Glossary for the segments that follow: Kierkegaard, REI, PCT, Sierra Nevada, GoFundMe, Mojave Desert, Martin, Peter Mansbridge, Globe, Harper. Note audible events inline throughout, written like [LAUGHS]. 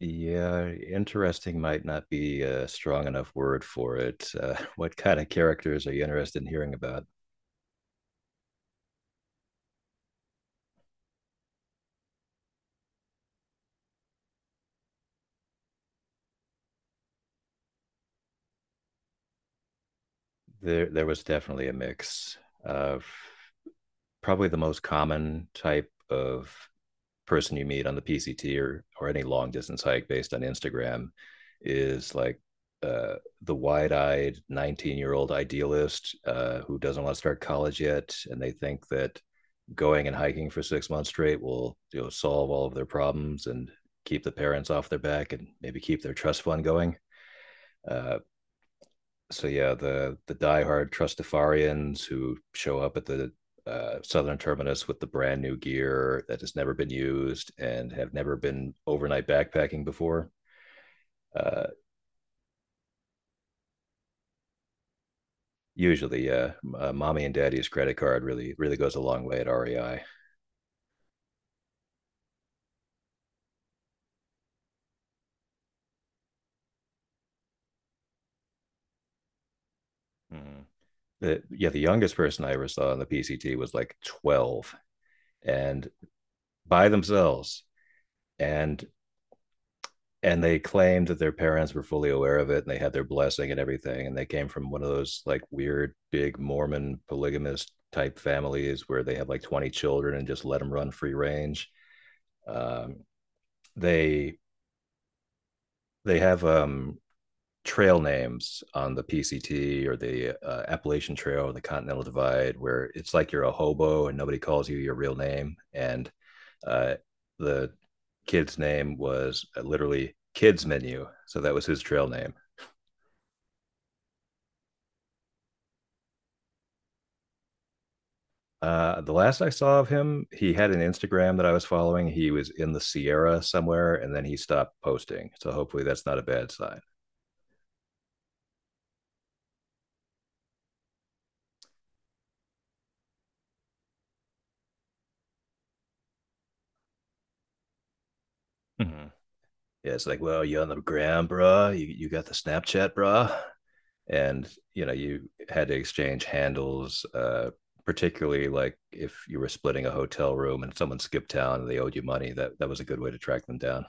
Yeah, interesting might not be a strong enough word for it. [LAUGHS] What kind of characters are you interested in hearing about? There was definitely a mix of probably the most common type of person you meet on the PCT or any long distance hike based on Instagram is like uh, the wide eyed 19-year-old idealist who doesn't want to start college yet. And they think that going and hiking for 6 months straight will solve all of their problems and keep the parents off their back and maybe keep their trust fund going. Uh, so yeah, the diehard Trustafarians who show up at the southern terminus with the brand new gear that has never been used and have never been overnight backpacking before. Uh, Usually, yeah. Mommy and daddy's credit card really goes a long way at REI. Mhm. The youngest person I ever saw on the PCT was like 12 and by themselves. And and they claimed that their parents were fully aware of it and they had their blessing and everything, and they came from one of those like weird big mormon polygamist type families where they have like 20 children and just let them run free range. um, they they have trail names on the PCT or the Appalachian Trail or the Continental Divide where it's like you're a hobo and nobody calls you your real name. And uh, the kid's name was literally kids menu, so that was his trail name. The last I saw of him, he had an Instagram that I was following. He was in the Sierra somewhere, and then he stopped posting. So hopefully that's not a bad sign. Mhm. Yeah, it's like, well, you on the gram, bruh? You got the Snapchat, bruh? And You know, you had to exchange handles, particularly like if you were splitting a hotel room and someone skipped town and they owed you money. That was a good way to track them down.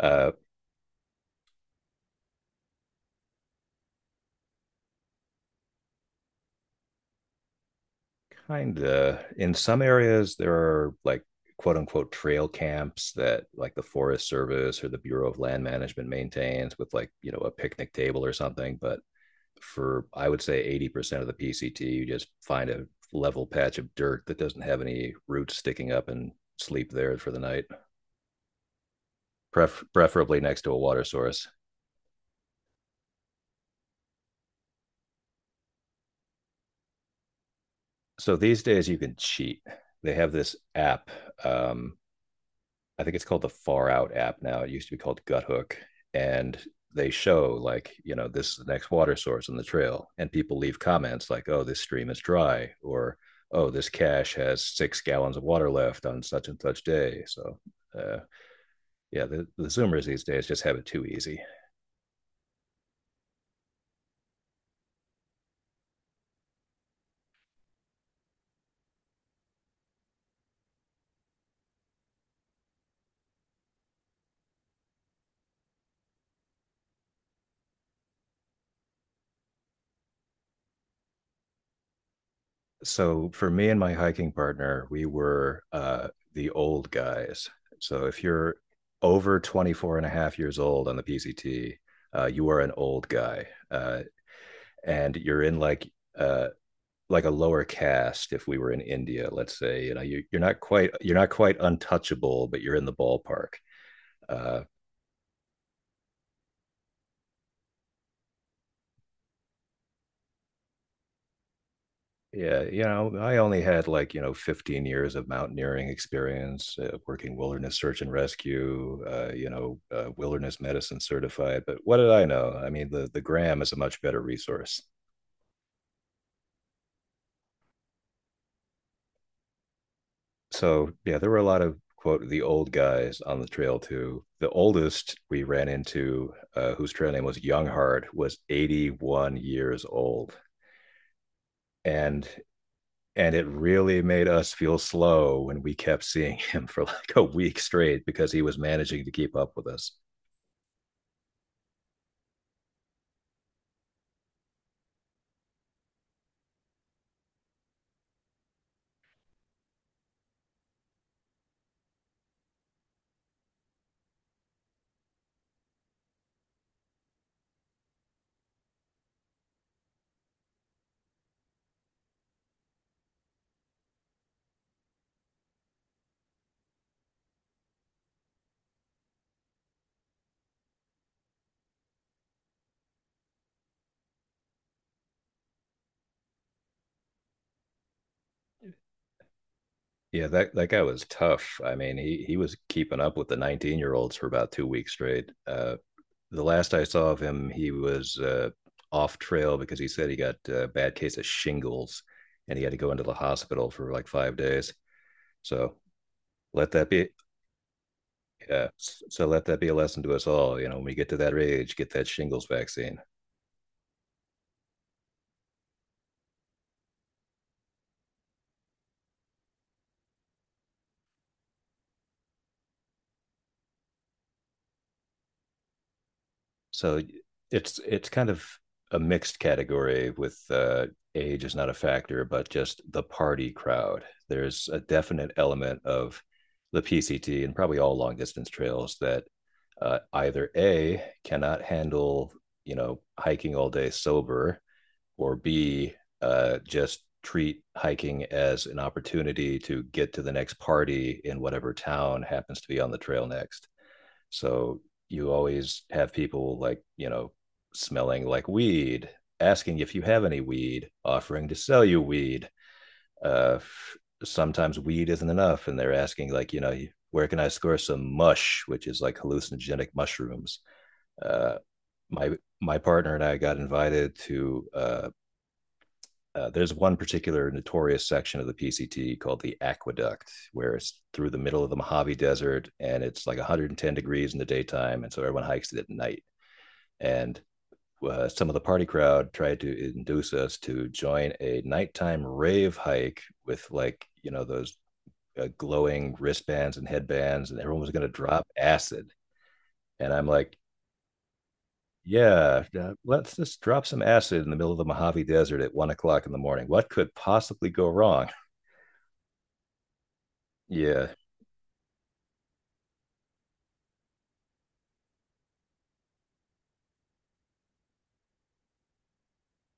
uh Kind of, in some areas there are like quote unquote trail camps that like the forest service or the Bureau of Land Management maintains with like a picnic table or something. But for I would say 80% of the PCT, you just find a level patch of dirt that doesn't have any roots sticking up and sleep there for the night, preferably next to a water source. So these days you can cheat. They have this app. Um, I think it's called the Far Out app now. It used to be called Gut Hook, and they show like this is the next water source on the trail, and people leave comments like, "Oh, this stream is dry," or "Oh, this cache has 6 gallons of water left on such and such day." So uh, yeah, the, the Zoomers these days just have it too easy. So for me and my hiking partner, we were the old guys. So if you're over 24 and a half years old on the PCT, you are an old guy, and you're in uh, like a lower caste. If we were in India, let's say, you're not quite untouchable, but you're in the ballpark. Uh, Yeah, I only had like, 15 years of mountaineering experience, working wilderness search and rescue, wilderness medicine certified. But what did I know? I mean, the Gram is a much better resource. So, yeah, there were a lot of quote the old guys on the trail too. The oldest we ran into, whose trail name was Younghart, was 81 years old. And and it really made us feel slow when we kept seeing [LAUGHS] him for like a week straight because he was managing to keep up with us. Yeah, that guy was tough. I mean, he was keeping up with the 19-year-olds for about 2 weeks straight. The last I saw of him, he was off trail because he said he got a bad case of shingles and he had to go into the hospital for like 5 days. So let that be Yeah. So let that be a lesson to us all. You know, when we get to that age, get that shingles vaccine. So it's kind of a mixed category with, age is not a factor, but just the party crowd. There's a definite element of the PCT and probably all long distance trails that either A cannot handle hiking all day sober, or B just treat hiking as an opportunity to get to the next party in whatever town happens to be on the trail next. So you always have people like, you know, smelling like weed, asking if you have any weed, offering to sell you weed. Uh, Sometimes weed isn't enough, and they're asking, like, you know, where can I score some mush, which is like hallucinogenic mushrooms. Uh, my partner and I got invited to there's one particular notorious section of the PCT called the aqueduct, where it's through the middle of the Mojave Desert and it's like 110 degrees in the daytime. And so everyone hikes it at night. And Some of the party crowd tried to induce us to join a nighttime rave hike with, like, you know, those glowing wristbands and headbands, and everyone was going to drop acid. And I'm like, yeah, let's just drop some acid in the middle of the Mojave Desert at 1 o'clock in the morning. What could possibly go wrong? Yeah,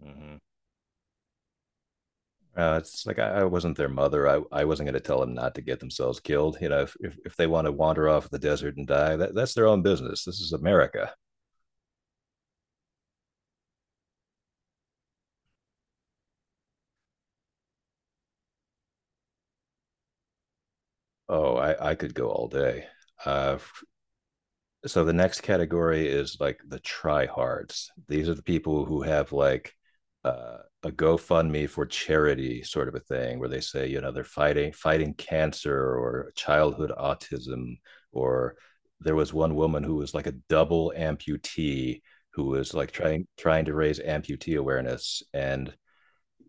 Mhm. It's like I wasn't their mother. I wasn't going to tell them not to get themselves killed. You know, if they want to wander off the desert and die, that's their own business. This is America. Oh, I could go all day. Uh, so the next category is like the tryhards. These are the people who have like uh, a GoFundMe for charity sort of a thing, where they say they're fighting cancer or childhood autism, or there was one woman who was like a double amputee who was like trying to raise amputee awareness, and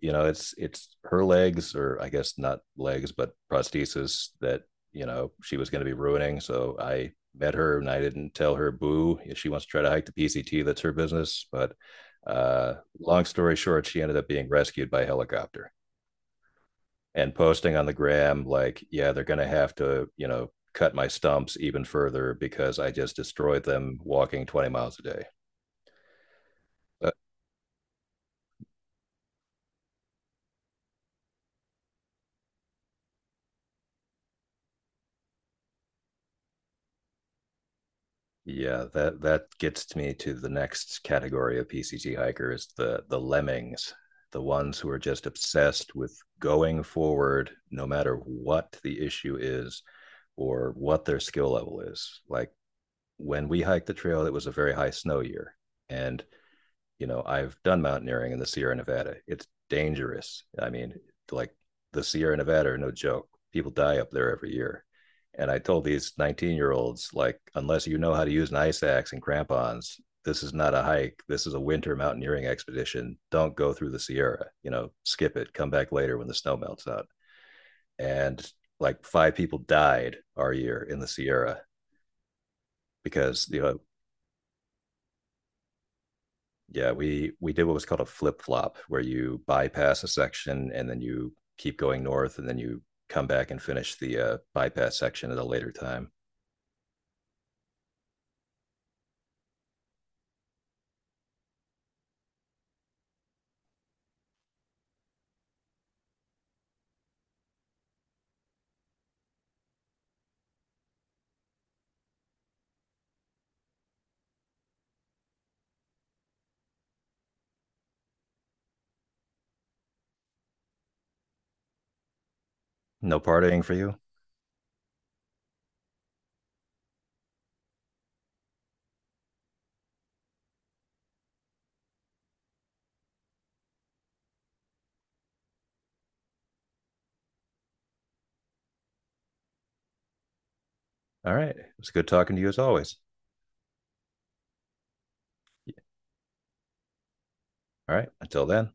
it's her legs, or I guess not legs, but prosthesis, that she was going to be ruining. So I met her and I didn't tell her boo. If she wants to try to hike the PCT, that's her business. But long story short, she ended up being rescued by helicopter and posting on the gram like, yeah, they're going to have to cut my stumps even further because I just destroyed them walking 20 miles a day. so Yeah, that gets me to the next category of PCT hikers, the lemmings, the ones who are just obsessed with going forward no matter what the issue is or what their skill level is. Like when we hiked the trail, it was a very high snow year, and I've done mountaineering in the Sierra Nevada. It's dangerous. I mean, like the Sierra Nevada are no joke. People die up there every year. And I told these 19-year-olds, like, unless you know how to use an ice axe and crampons, this is not a hike. This is a winter mountaineering expedition. Don't go through the Sierra, you know, skip it. Come back later when the snow melts out. And like five people died our year in the Sierra because, Yeah, we did what was called a flip flop, where you bypass a section and then you keep going north, and then you come back and finish the bypass section at a later time. No partying for you. All right, it was good talking to you as always. All right, until then.